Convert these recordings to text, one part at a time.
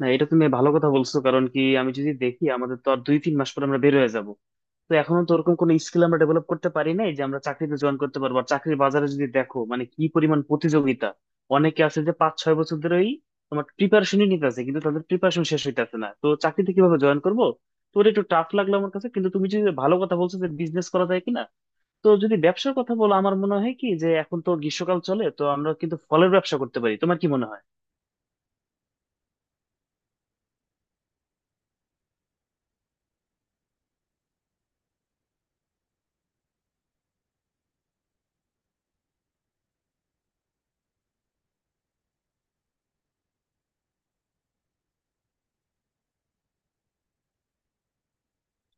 না, এটা তুমি ভালো কথা বলছো। কারণ কি, আমি যদি দেখি আমাদের তো আর 2-3 মাস পর আমরা বের হয়ে যাব। তো এখনো তো ওরকম কোনো স্কিল আমরা ডেভেলপ করতে পারি নাই যে আমরা চাকরিতে জয়েন করতে পারবো। আর চাকরির বাজারে যদি দেখো, মানে কি পরিমাণ প্রতিযোগিতা! অনেকে আছে যে 5-6 বছর ধরেই তোমার প্রিপারেশনই নিতে আছে, কিন্তু তাদের প্রিপারেশন শেষ হইতেছে না। তো চাকরিতে কিভাবে জয়েন করবো? তোর একটু টাফ লাগলো আমার কাছে, কিন্তু তুমি যদি ভালো কথা বলছো যে বিজনেস করা যায় কিনা। তো যদি ব্যবসার কথা বলো, আমার মনে হয় কি যে এখন তো গ্রীষ্মকাল চলে, তো আমরা কিন্তু ফলের ব্যবসা করতে পারি। তোমার কি মনে হয়?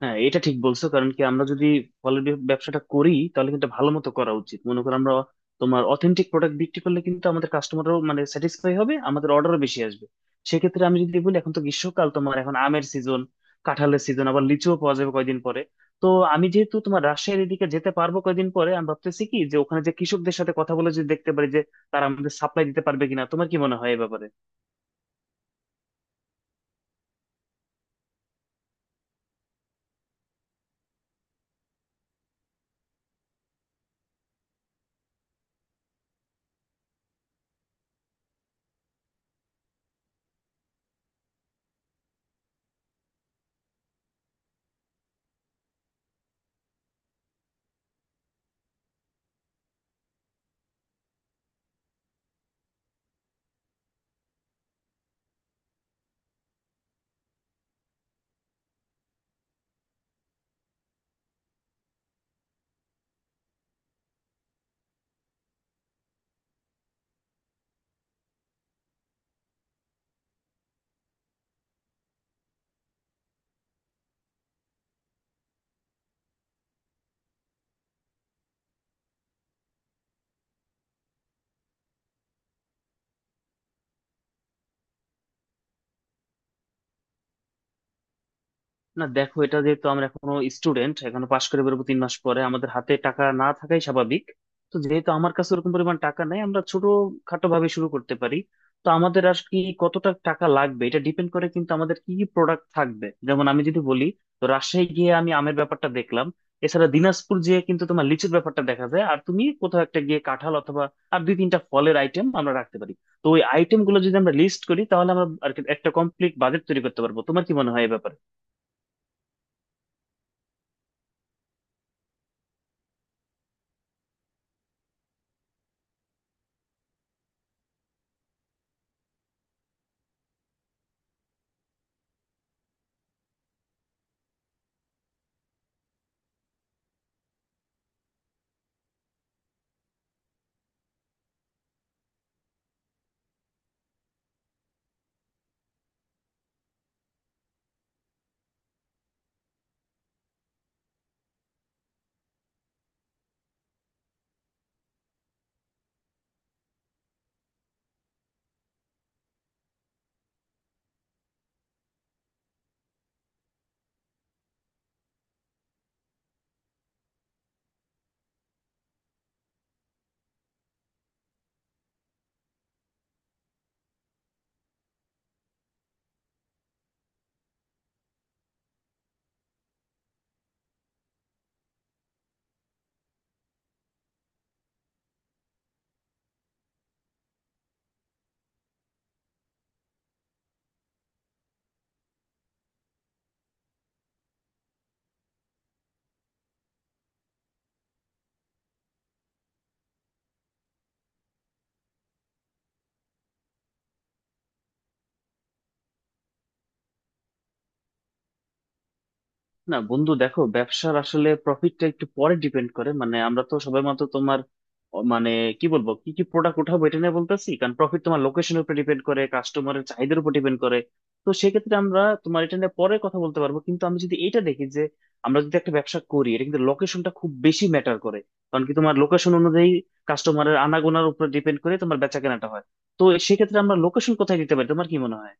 হ্যাঁ, এটা ঠিক বলছো। কারণ কি, আমরা যদি ফলের ব্যবসাটা করি তাহলে কিন্তু ভালো মতো করা উচিত। মনে করো আমরা তোমার অথেন্টিক প্রোডাক্ট বিক্রি করলে কিন্তু আমাদের কাস্টমারও মানে স্যাটিসফাই হবে, আমাদের অর্ডারও বেশি আসবে। সেক্ষেত্রে আমি যদি বলি, এখন তো গ্রীষ্মকাল, তোমার এখন আমের সিজন, কাঁঠালের সিজন, আবার লিচুও পাওয়া যাবে কয়দিন পরে। তো আমি যেহেতু তোমার রাজশাহীর এদিকে যেতে পারবো কয়দিন পরে, আমি ভাবতেছি কি যে ওখানে যে কৃষকদের সাথে কথা বলে যদি দেখতে পারি যে তারা আমাদের সাপ্লাই দিতে পারবে কিনা। তোমার কি মনে হয় এ ব্যাপারে? না দেখো, এটা যেহেতু আমরা এখনো স্টুডেন্ট, এখনো পাশ করে বেরোবো 3 মাস পরে, আমাদের হাতে টাকা না থাকাই স্বাভাবিক। তো যেহেতু আমার কাছে ওরকম পরিমাণ টাকা নাই, আমরা ছোট খাটো ভাবে শুরু করতে পারি। তো আমাদের আর কি কতটা টাকা লাগবে এটা ডিপেন্ড করে কিন্তু আমাদের কি কি প্রোডাক্ট থাকবে। যেমন আমি যদি বলি, তো রাজশাহী গিয়ে আমি আমের ব্যাপারটা দেখলাম, এছাড়া দিনাজপুর গিয়ে কিন্তু তোমার লিচুর ব্যাপারটা দেখা যায়, আর তুমি কোথাও একটা গিয়ে কাঁঠাল অথবা আর দুই তিনটা ফলের আইটেম আমরা রাখতে পারি। তো ওই আইটেম গুলো যদি আমরা লিস্ট করি তাহলে আমরা আর কি একটা কমপ্লিট বাজেট তৈরি করতে পারবো। তোমার কি মনে হয় এই ব্যাপারে? না বন্ধু দেখো, ব্যবসার আসলে প্রফিটটা একটু পরে ডিপেন্ড করে। মানে আমরা তো সবেমাত্র তোমার মানে কি বলবো কি কি প্রোডাক্ট উঠাবো এটা নিয়ে বলতেছি। কারণ প্রফিট তোমার লোকেশনের উপর ডিপেন্ড করে, কাস্টমারের চাহিদার উপর ডিপেন্ড করে। তো সেক্ষেত্রে আমরা তোমার এটা নিয়ে পরে কথা বলতে পারবো। কিন্তু আমি যদি এটা দেখি যে আমরা যদি একটা ব্যবসা করি, এটা কিন্তু লোকেশনটা খুব বেশি ম্যাটার করে। কারণ কি, তোমার লোকেশন অনুযায়ী কাস্টমারের আনাগোনার উপর ডিপেন্ড করে তোমার বেচাকেনাটা হয়। তো সেক্ষেত্রে আমরা লোকেশন কোথায় দিতে পারি? তোমার কি মনে হয়?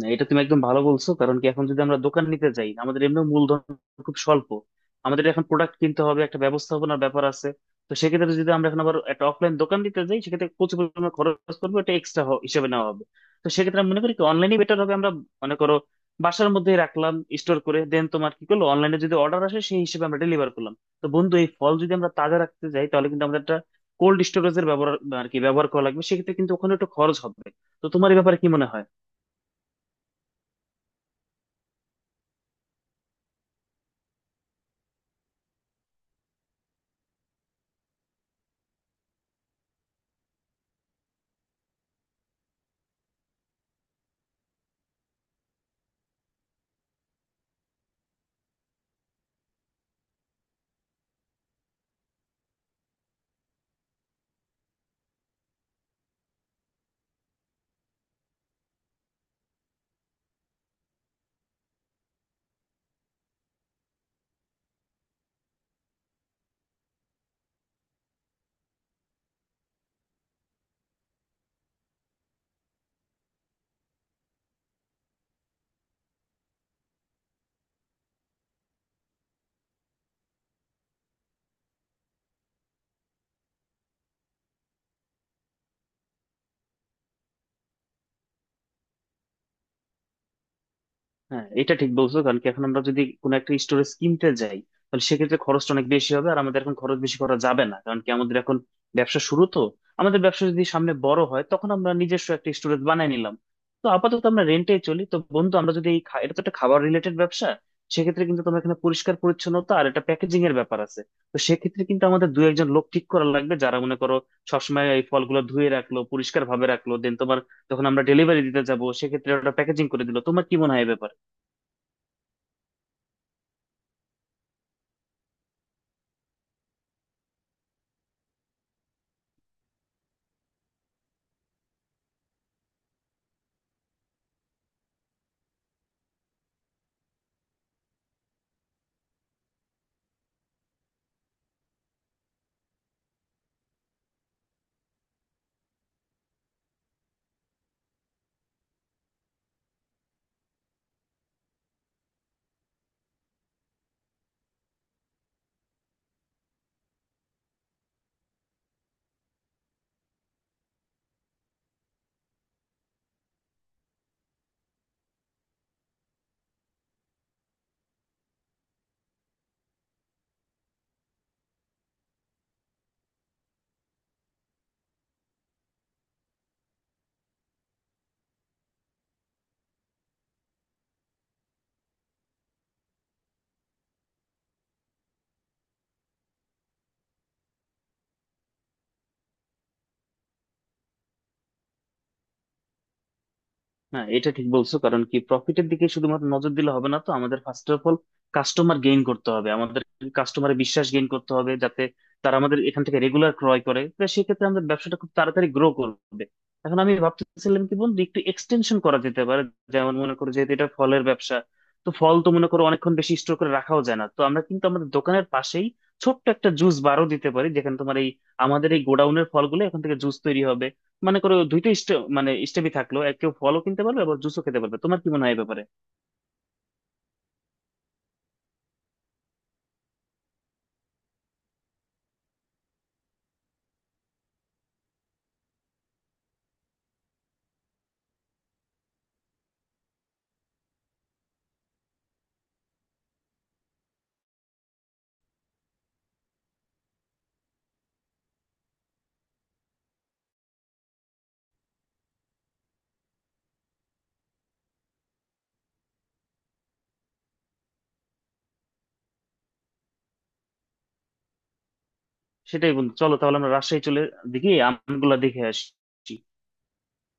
না, এটা তুমি একদম ভালো বলছো। কারণ কি, এখন যদি আমরা দোকান নিতে যাই আমাদের এমনি মূলধন খুব স্বল্প। আমাদের এখন প্রোডাক্ট কিনতে হবে, একটা ব্যবস্থাপনার ব্যাপার আছে। তো সেক্ষেত্রে যদি আমরা এখন আবার একটা অফলাইন দোকান দিতে যাই, সেক্ষেত্রে প্রচুর পরিমাণে খরচ করবো, এটা এক্সট্রা হিসেবে নেওয়া হবে। তো সেক্ষেত্রে আমি মনে করি কি অনলাইনে বেটার হবে। আমরা মনে করো বাসার মধ্যেই রাখলাম, স্টোর করে দেন তোমার কি করলো, অনলাইনে যদি অর্ডার আসে সেই হিসেবে আমরা ডেলিভার করলাম। তো বন্ধু, এই ফল যদি আমরা তাজা রাখতে যাই তাহলে কিন্তু আমাদের একটা কোল্ড স্টোরেজের ব্যবহার আর কি ব্যবহার করা লাগবে। সেক্ষেত্রে কিন্তু ওখানে একটু খরচ হবে। তো তোমার এই ব্যাপারে কি মনে হয়? হ্যাঁ, এটা ঠিক বলছো। কারণ কি, এখন আমরা যদি কোনো একটা স্টোরেজ কিনতে যাই তাহলে সেক্ষেত্রে খরচটা অনেক বেশি হবে। আর আমাদের এখন খরচ বেশি করা যাবে না, কারণ কি আমাদের এখন ব্যবসা শুরু। তো আমাদের ব্যবসা যদি সামনে বড় হয় তখন আমরা নিজস্ব একটা স্টোরেজ বানিয়ে নিলাম। তো আপাতত আমরা রেন্টে চলি। তো বন্ধু, আমরা যদি এই এটা তো একটা খাবার রিলেটেড ব্যবসা, সেক্ষেত্রে কিন্তু তোমার এখানে পরিষ্কার পরিচ্ছন্নতা আর একটা প্যাকেজিং এর ব্যাপার আছে। তো সেক্ষেত্রে কিন্তু আমাদের দু একজন লোক ঠিক করা লাগবে যারা মনে করো সবসময় এই ফলগুলো ধুয়ে রাখলো, পরিষ্কার ভাবে রাখলো, দেন তোমার যখন আমরা ডেলিভারি দিতে যাবো সেক্ষেত্রে ওটা প্যাকেজিং করে দিলো। তোমার কি মনে হয় এ ব্যাপারে? না এটা ঠিক বলছো। কারণ কি, প্রফিটের দিকে শুধুমাত্র নজর দিলে হবে না। তো আমাদের first of all customer gain করতে হবে, আমাদের কাস্টমারে বিশ্বাস গেইন করতে হবে যাতে তারা আমাদের এখান থেকে রেগুলার ক্রয় করে। তো সেক্ষেত্রে আমাদের ব্যবসাটা খুব তাড়াতাড়ি গ্রো করবে। এখন আমি ভাবতেছিলাম কি বন্ধু, একটু এক্সটেনশন করা যেতে পারে। যেমন মনে করো, যেহেতু এটা ফলের ব্যবসা, তো ফল তো মনে করো অনেকক্ষণ বেশি স্টোর করে রাখাও যায় না। তো আমরা কিন্তু আমাদের দোকানের পাশেই ছোট্ট একটা জুস বারও দিতে পারি, যেখানে তোমার এই আমাদের এই গোডাউনের ফলগুলো এখান থেকে জুস তৈরি হবে। মানে করো দুইটা স্টেপই থাকলো, এক কেউ ফলও কিনতে পারবে আবার জুসও খেতে পারবে। তোমার কি মনে হয় এই ব্যাপারে? সেটাই বন্ধু, চলো তাহলে আমরা রাজশাহী চলে দেখি আমগুলা দেখে আসি।